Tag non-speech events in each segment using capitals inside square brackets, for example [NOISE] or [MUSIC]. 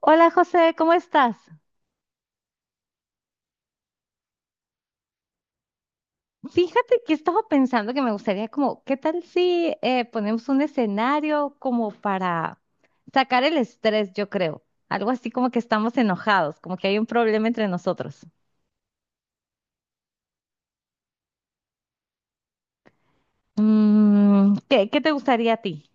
Hola José, ¿cómo estás? Fíjate que estaba pensando que me gustaría como, ¿qué tal si ponemos un escenario como para sacar el estrés, yo creo? Algo así como que estamos enojados, como que hay un problema entre nosotros. ¿Qué te gustaría a ti?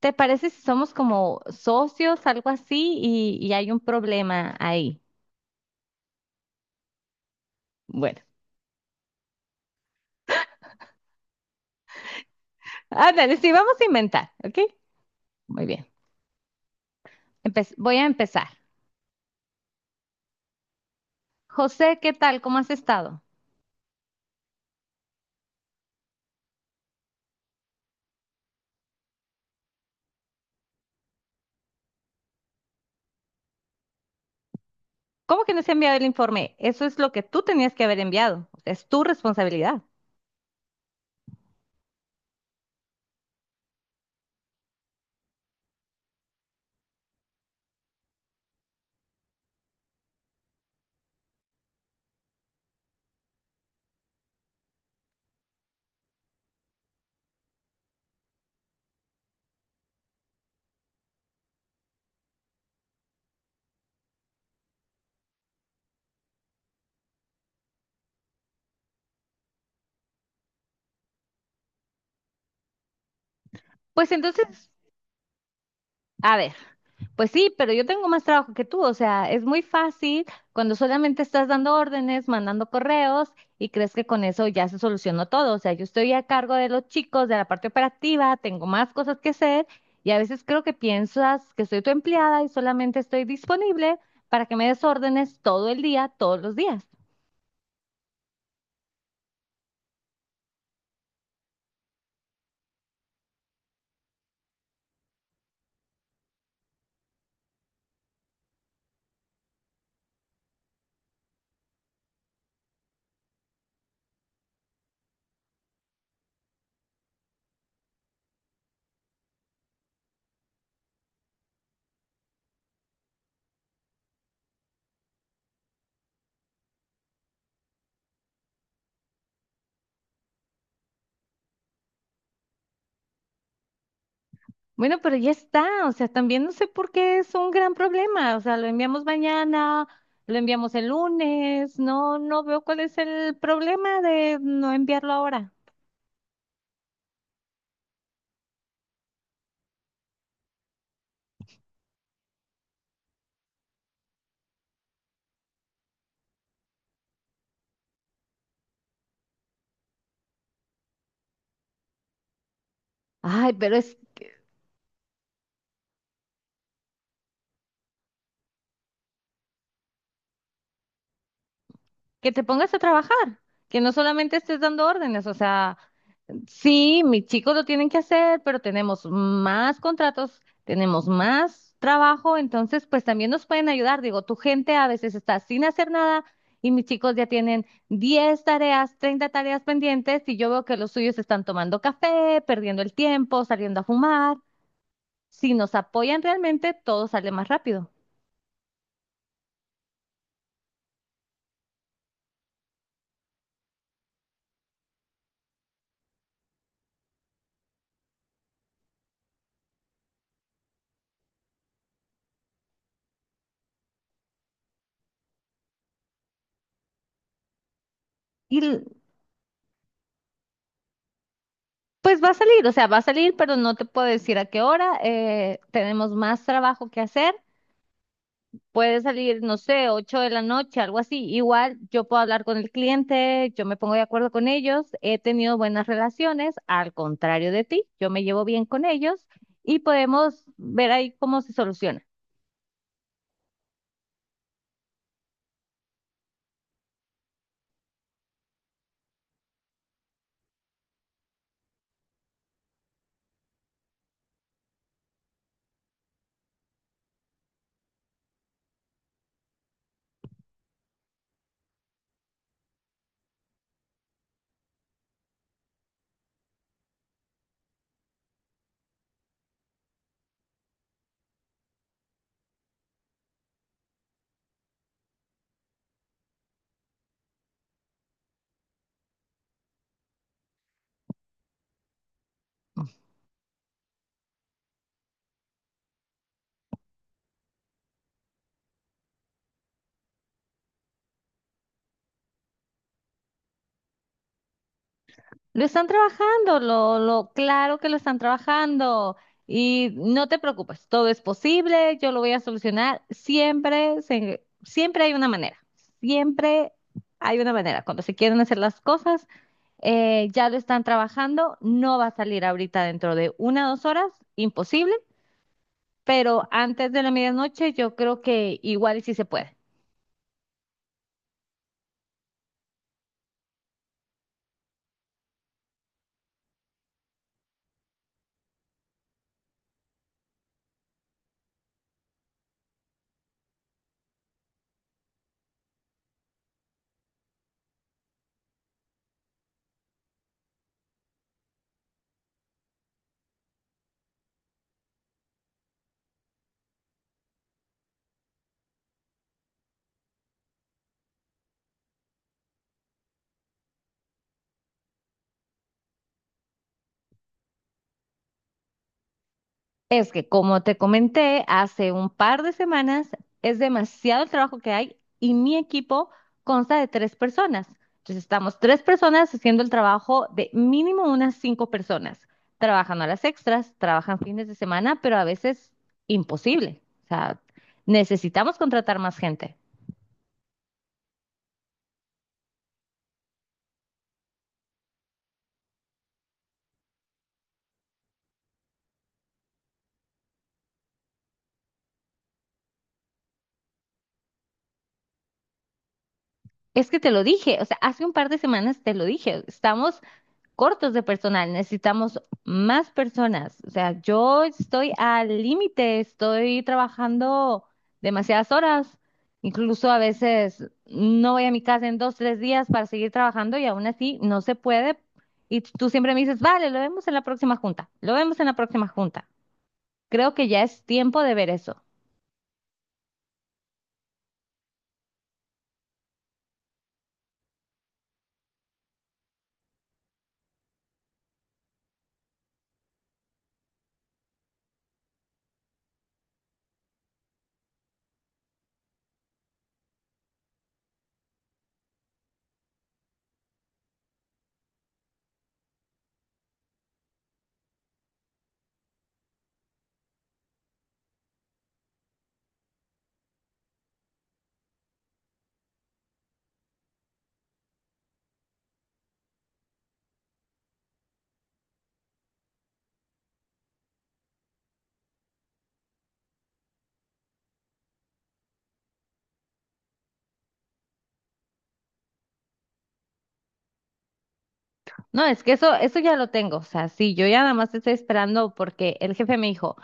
¿Te parece si somos como socios, algo así, y hay un problema ahí? Bueno, ándale, sí, vamos a inventar, ¿ok? Muy bien. Voy a empezar. José, ¿qué tal? ¿Cómo has estado? ¿Cómo que no se ha enviado el informe? Eso es lo que tú tenías que haber enviado. Es tu responsabilidad. Pues entonces, a ver, pues sí, pero yo tengo más trabajo que tú. O sea, es muy fácil cuando solamente estás dando órdenes, mandando correos y crees que con eso ya se solucionó todo. O sea, yo estoy a cargo de los chicos, de la parte operativa, tengo más cosas que hacer y a veces creo que piensas que soy tu empleada y solamente estoy disponible para que me des órdenes todo el día, todos los días. Bueno, pero ya está, o sea, también no sé por qué es un gran problema, o sea, lo enviamos mañana, lo enviamos el lunes, no, no veo cuál es el problema de no enviarlo ahora. Ay, pero es que te pongas a trabajar, que no solamente estés dando órdenes, o sea. Sí, mis chicos lo tienen que hacer, pero tenemos más contratos, tenemos más trabajo, entonces pues también nos pueden ayudar. Digo, tu gente a veces está sin hacer nada y mis chicos ya tienen 10 tareas, 30 tareas pendientes y yo veo que los suyos están tomando café, perdiendo el tiempo, saliendo a fumar. Si nos apoyan realmente, todo sale más rápido. Y l- pues va a salir, o sea, va a salir, pero no te puedo decir a qué hora. Tenemos más trabajo que hacer. Puede salir, no sé, 8 de la noche, algo así. Igual yo puedo hablar con el cliente, yo me pongo de acuerdo con ellos, he tenido buenas relaciones, al contrario de ti, yo me llevo bien con ellos y podemos ver ahí cómo se soluciona. Lo están trabajando, lo claro que lo están trabajando y no te preocupes, todo es posible, yo lo voy a solucionar. Siempre, siempre hay una manera, siempre hay una manera. Cuando se quieren hacer las cosas, ya lo están trabajando, no va a salir ahorita dentro de 1 o 2 horas, imposible, pero antes de la medianoche yo creo que igual y sí se puede. Es que como te comenté hace un par de semanas, es demasiado el trabajo que hay y mi equipo consta de tres personas. Entonces estamos tres personas haciendo el trabajo de mínimo unas cinco personas, trabajando a las extras, trabajan fines de semana, pero a veces imposible. O sea, necesitamos contratar más gente. Es que te lo dije, o sea, hace un par de semanas te lo dije, estamos cortos de personal, necesitamos más personas. O sea, yo estoy al límite, estoy trabajando demasiadas horas, incluso a veces no voy a mi casa en 2, 3 días para seguir trabajando y aún así no se puede. Y tú siempre me dices, vale, lo vemos en la próxima junta, lo vemos en la próxima junta. Creo que ya es tiempo de ver eso. No, es que eso ya lo tengo. O sea, sí, yo ya nada más estoy esperando porque el jefe me dijo.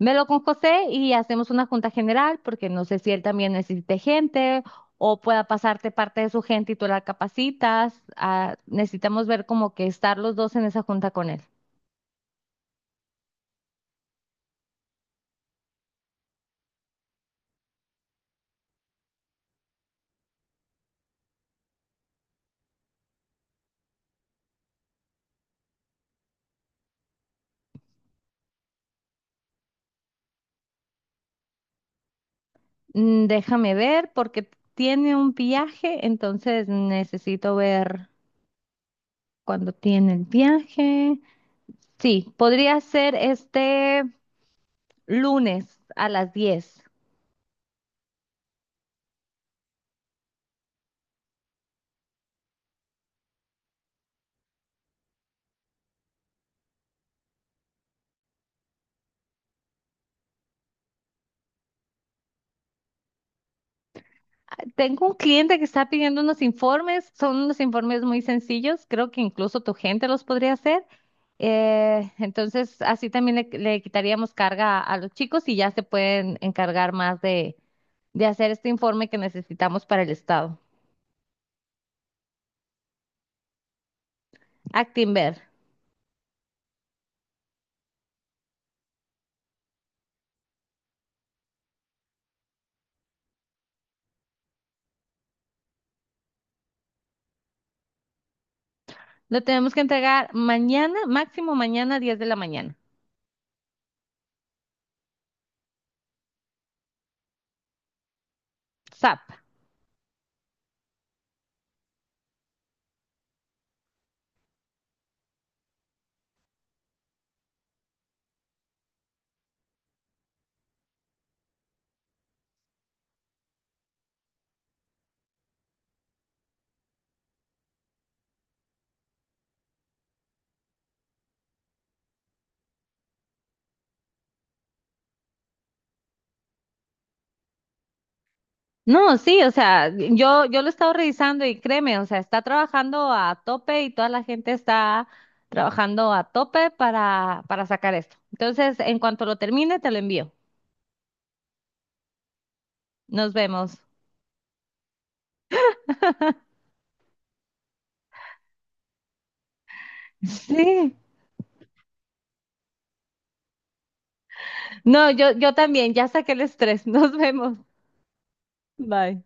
Me lo con José y hacemos una junta general porque no sé si él también necesite gente o pueda pasarte parte de su gente y tú la capacitas. Ah, necesitamos ver como que estar los dos en esa junta con él. Déjame ver porque tiene un viaje, entonces necesito ver cuándo tiene el viaje. Sí, podría ser este lunes a las 10. Tengo un cliente que está pidiendo unos informes, son unos informes muy sencillos, creo que incluso tu gente los podría hacer. Entonces, así también le quitaríamos carga a los chicos y ya se pueden encargar más de hacer este informe que necesitamos para el Estado. Actinver. Lo tenemos que entregar mañana, máximo mañana, 10 de la mañana. SAP. No, sí, o sea, yo lo he estado revisando y créeme, o sea, está trabajando a tope y toda la gente está trabajando a tope para sacar esto. Entonces, en cuanto lo termine, te lo envío. Nos vemos. Sí. No, yo también, ya saqué el estrés. [LAUGHS] Nos vemos. Bye.